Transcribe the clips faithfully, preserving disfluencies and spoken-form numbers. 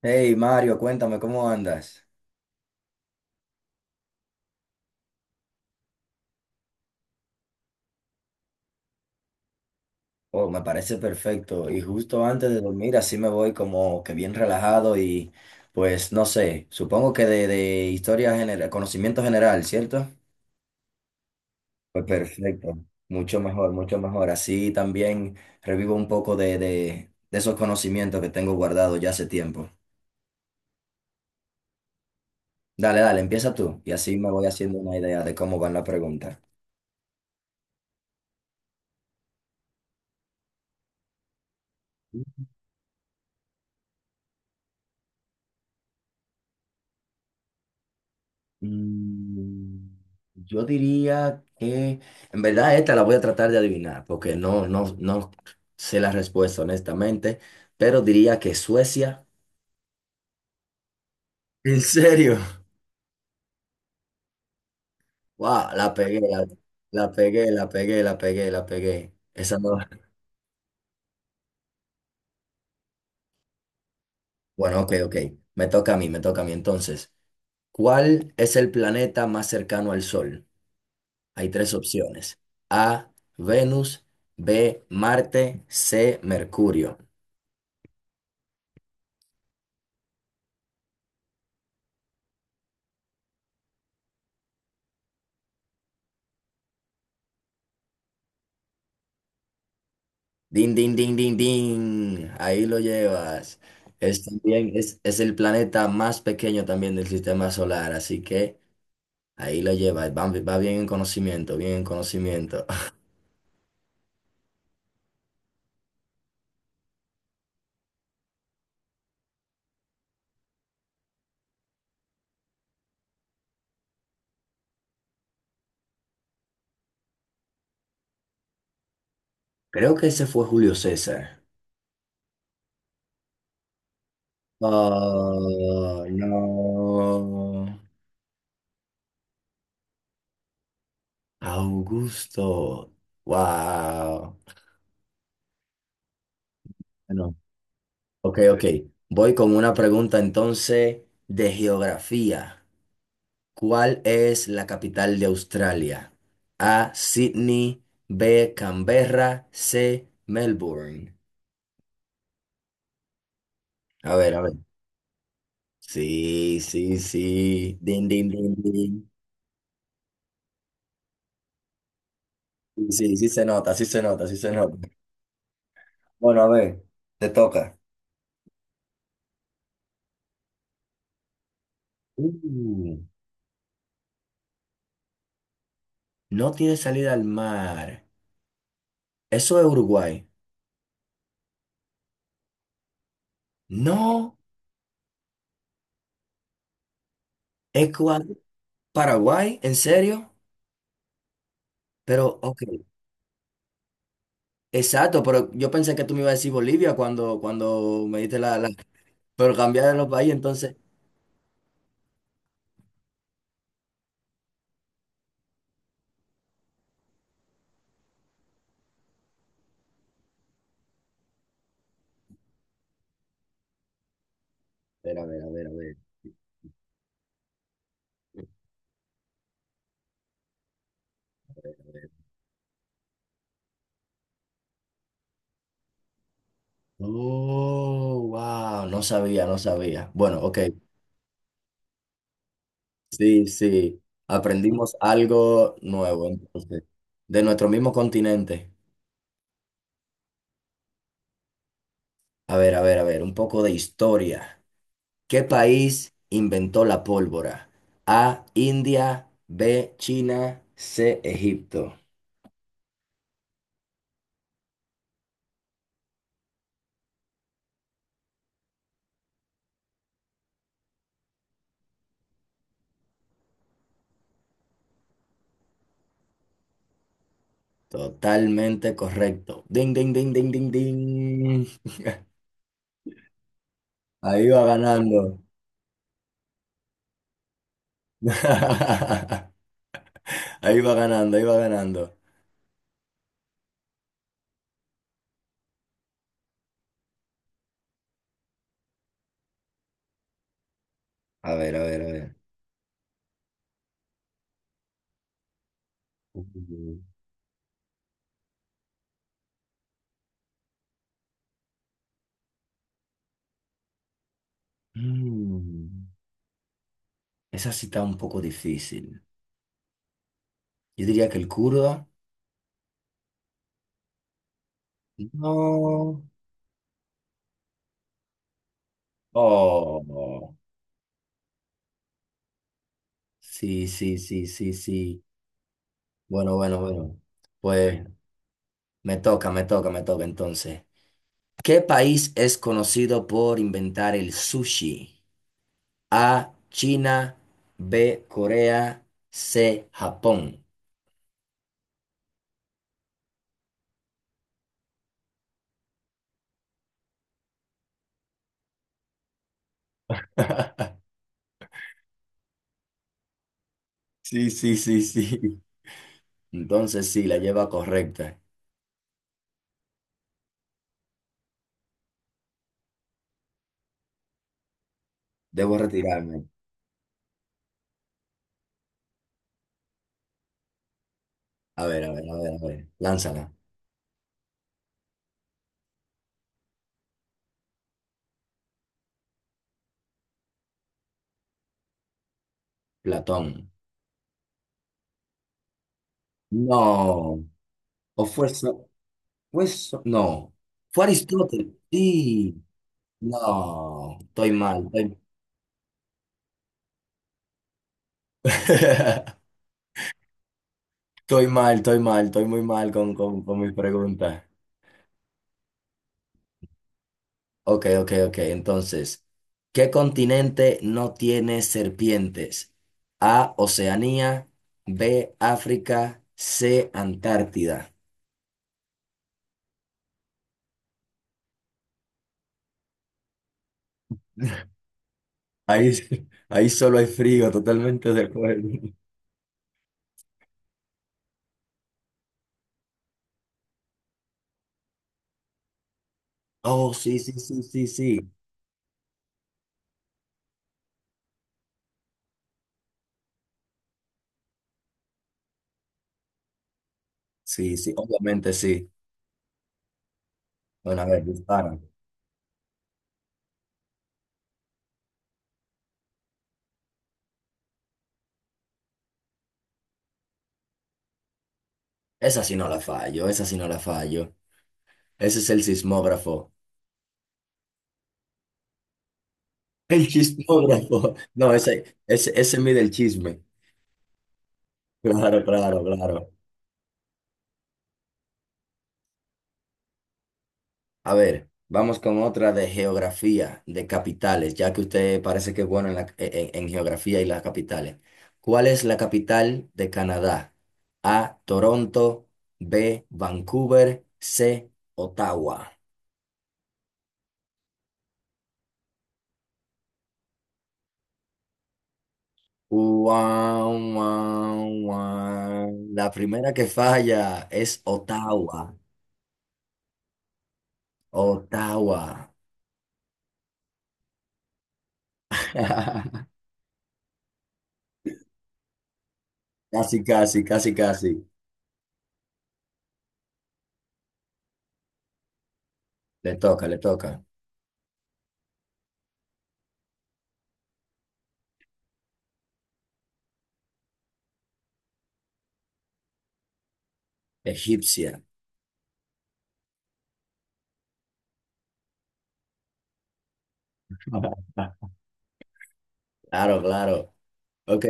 Hey Mario, cuéntame cómo andas. Oh, me parece perfecto. Y justo antes de dormir, así me voy como que bien relajado y pues no sé, supongo que de, de historia general, conocimiento general, ¿cierto? Pues perfecto, mucho mejor, mucho mejor. Así también revivo un poco de, de, de esos conocimientos que tengo guardados ya hace tiempo. Dale, dale, empieza tú y así me voy haciendo una idea de cómo van las preguntas. Mm, Yo diría que, en verdad, esta la voy a tratar de adivinar, porque no, no, no sé la respuesta, honestamente, pero diría que Suecia. ¿En serio? Wow, la pegué, la, la pegué, la pegué, la pegué, la pegué. Esa no. Bueno, ok, ok. Me toca a mí, me toca a mí. Entonces, ¿cuál es el planeta más cercano al Sol? Hay tres opciones. A, Venus, B, Marte, C, Mercurio. Din, din, din, din, din. Ahí lo llevas. Es también, es, es el planeta más pequeño también del sistema solar, así que ahí lo llevas. Va, va bien en conocimiento, bien en conocimiento. Creo que ese fue Julio César. Oh, no. Augusto. Wow. Bueno, ok, ok. Voy con una pregunta entonces de geografía. ¿Cuál es la capital de Australia? A, Sydney, B, Canberra, C, Melbourne. A ver, a ver. Sí, sí, sí. Din, din, din, din. Sí, sí, sí se nota, sí se nota, sí se nota. Bueno, a ver, te toca. Uh, no tiene salida al mar. Eso es Uruguay. No, Ecuador, Paraguay, ¿en serio? Pero, ok. Exacto, pero yo pensé que tú me ibas a decir Bolivia cuando, cuando me diste la, la Pero cambiárnoslo para ahí, entonces. Espera, a ver, a ver, a ver. Oh, wow, no sabía, no sabía. Bueno, ok, sí, sí, aprendimos algo nuevo entonces, de nuestro mismo continente. A ver, a ver, a ver, un poco de historia. ¿Qué país inventó la pólvora? A, India, B, China, C, Egipto. Totalmente correcto. Ding, ding, ding, ding, ding, ding. Ahí va ganando. Ahí va ganando, ahí va ganando. A ver, a ver, a ver. Mm. Mm. Esa sí está un poco difícil. Yo diría que el kurdo. No. Oh. Sí, sí, sí, sí, sí. Bueno, bueno, bueno. Pues me toca, me toca, me toca entonces. ¿Qué país es conocido por inventar el sushi? A, China, B, Corea, C, Japón. Sí, sí, sí, sí. Entonces sí, la lleva correcta. Debo retirarme. A ver, a ver, a ver, a ver. Lánzala. Platón. No. O fue so- fue so- no. Fue Aristóteles. Sí. No. Estoy mal. Estoy, estoy mal, estoy mal, estoy muy mal con, con, con mis preguntas. Ok, ok, ok. Entonces, ¿qué continente no tiene serpientes? A, Oceanía, B, África, C, Antártida. Ahí, ahí solo hay frío, totalmente de acuerdo. Oh, sí, sí, sí, sí, sí. Sí, sí, obviamente sí. Bueno, a ver, dispara. Esa sí no la fallo, esa sí no la fallo. Ese es el sismógrafo. El chismógrafo. No, ese, ese, ese mide el chisme. Claro, claro, claro. A ver, vamos con otra de geografía, de capitales, ya que usted parece que es bueno en, la- en- en geografía y las capitales. ¿Cuál es la capital de Canadá? A, Toronto, B, Vancouver, C, Ottawa. Guau, guau, guau. La primera que falla es Ottawa. Ottawa. Casi, casi, casi, casi. Le toca, le toca. Egipcia. Claro, claro. Ok,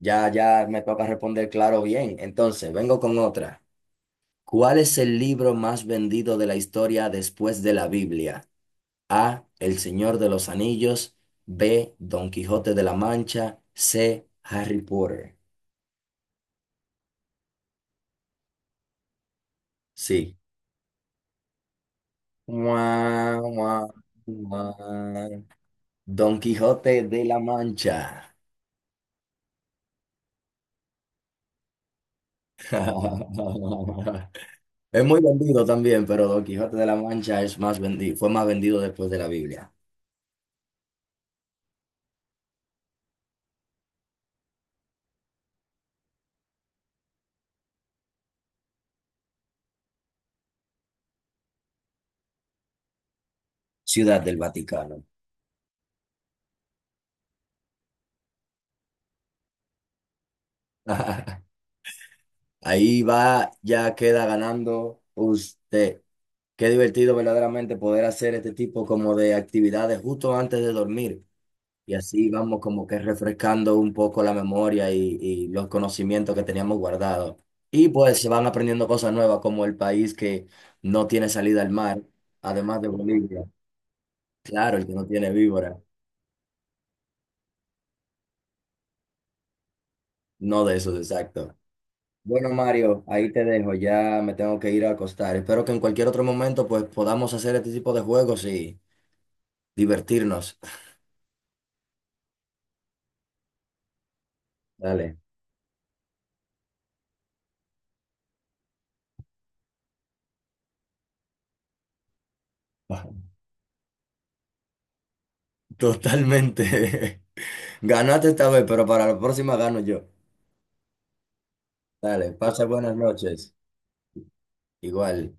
ya, ya me toca responder claro bien. Entonces, vengo con otra. ¿Cuál es el libro más vendido de la historia después de la Biblia? A. El Señor de los Anillos. B. Don Quijote de la Mancha. C. Harry Potter. Sí. Mua, mua, mua. Don Quijote de la Mancha. Es muy vendido también, pero Don Quijote de la Mancha es más vendido, fue más vendido después de la Biblia. Ciudad del Vaticano. Ahí va, ya queda ganando usted. Qué divertido verdaderamente poder hacer este tipo como de actividades justo antes de dormir. Y así vamos como que refrescando un poco la memoria y, y los conocimientos que teníamos guardados. Y pues se van aprendiendo cosas nuevas como el país que no tiene salida al mar, además de Bolivia. Claro, el que no tiene víbora. No de esos, exacto. Bueno, Mario, ahí te dejo, ya me tengo que ir a acostar. Espero que en cualquier otro momento pues podamos hacer este tipo de juegos y divertirnos. Dale. Totalmente. Ganaste esta vez, pero para la próxima gano yo. Dale, pasa buenas noches. Igual.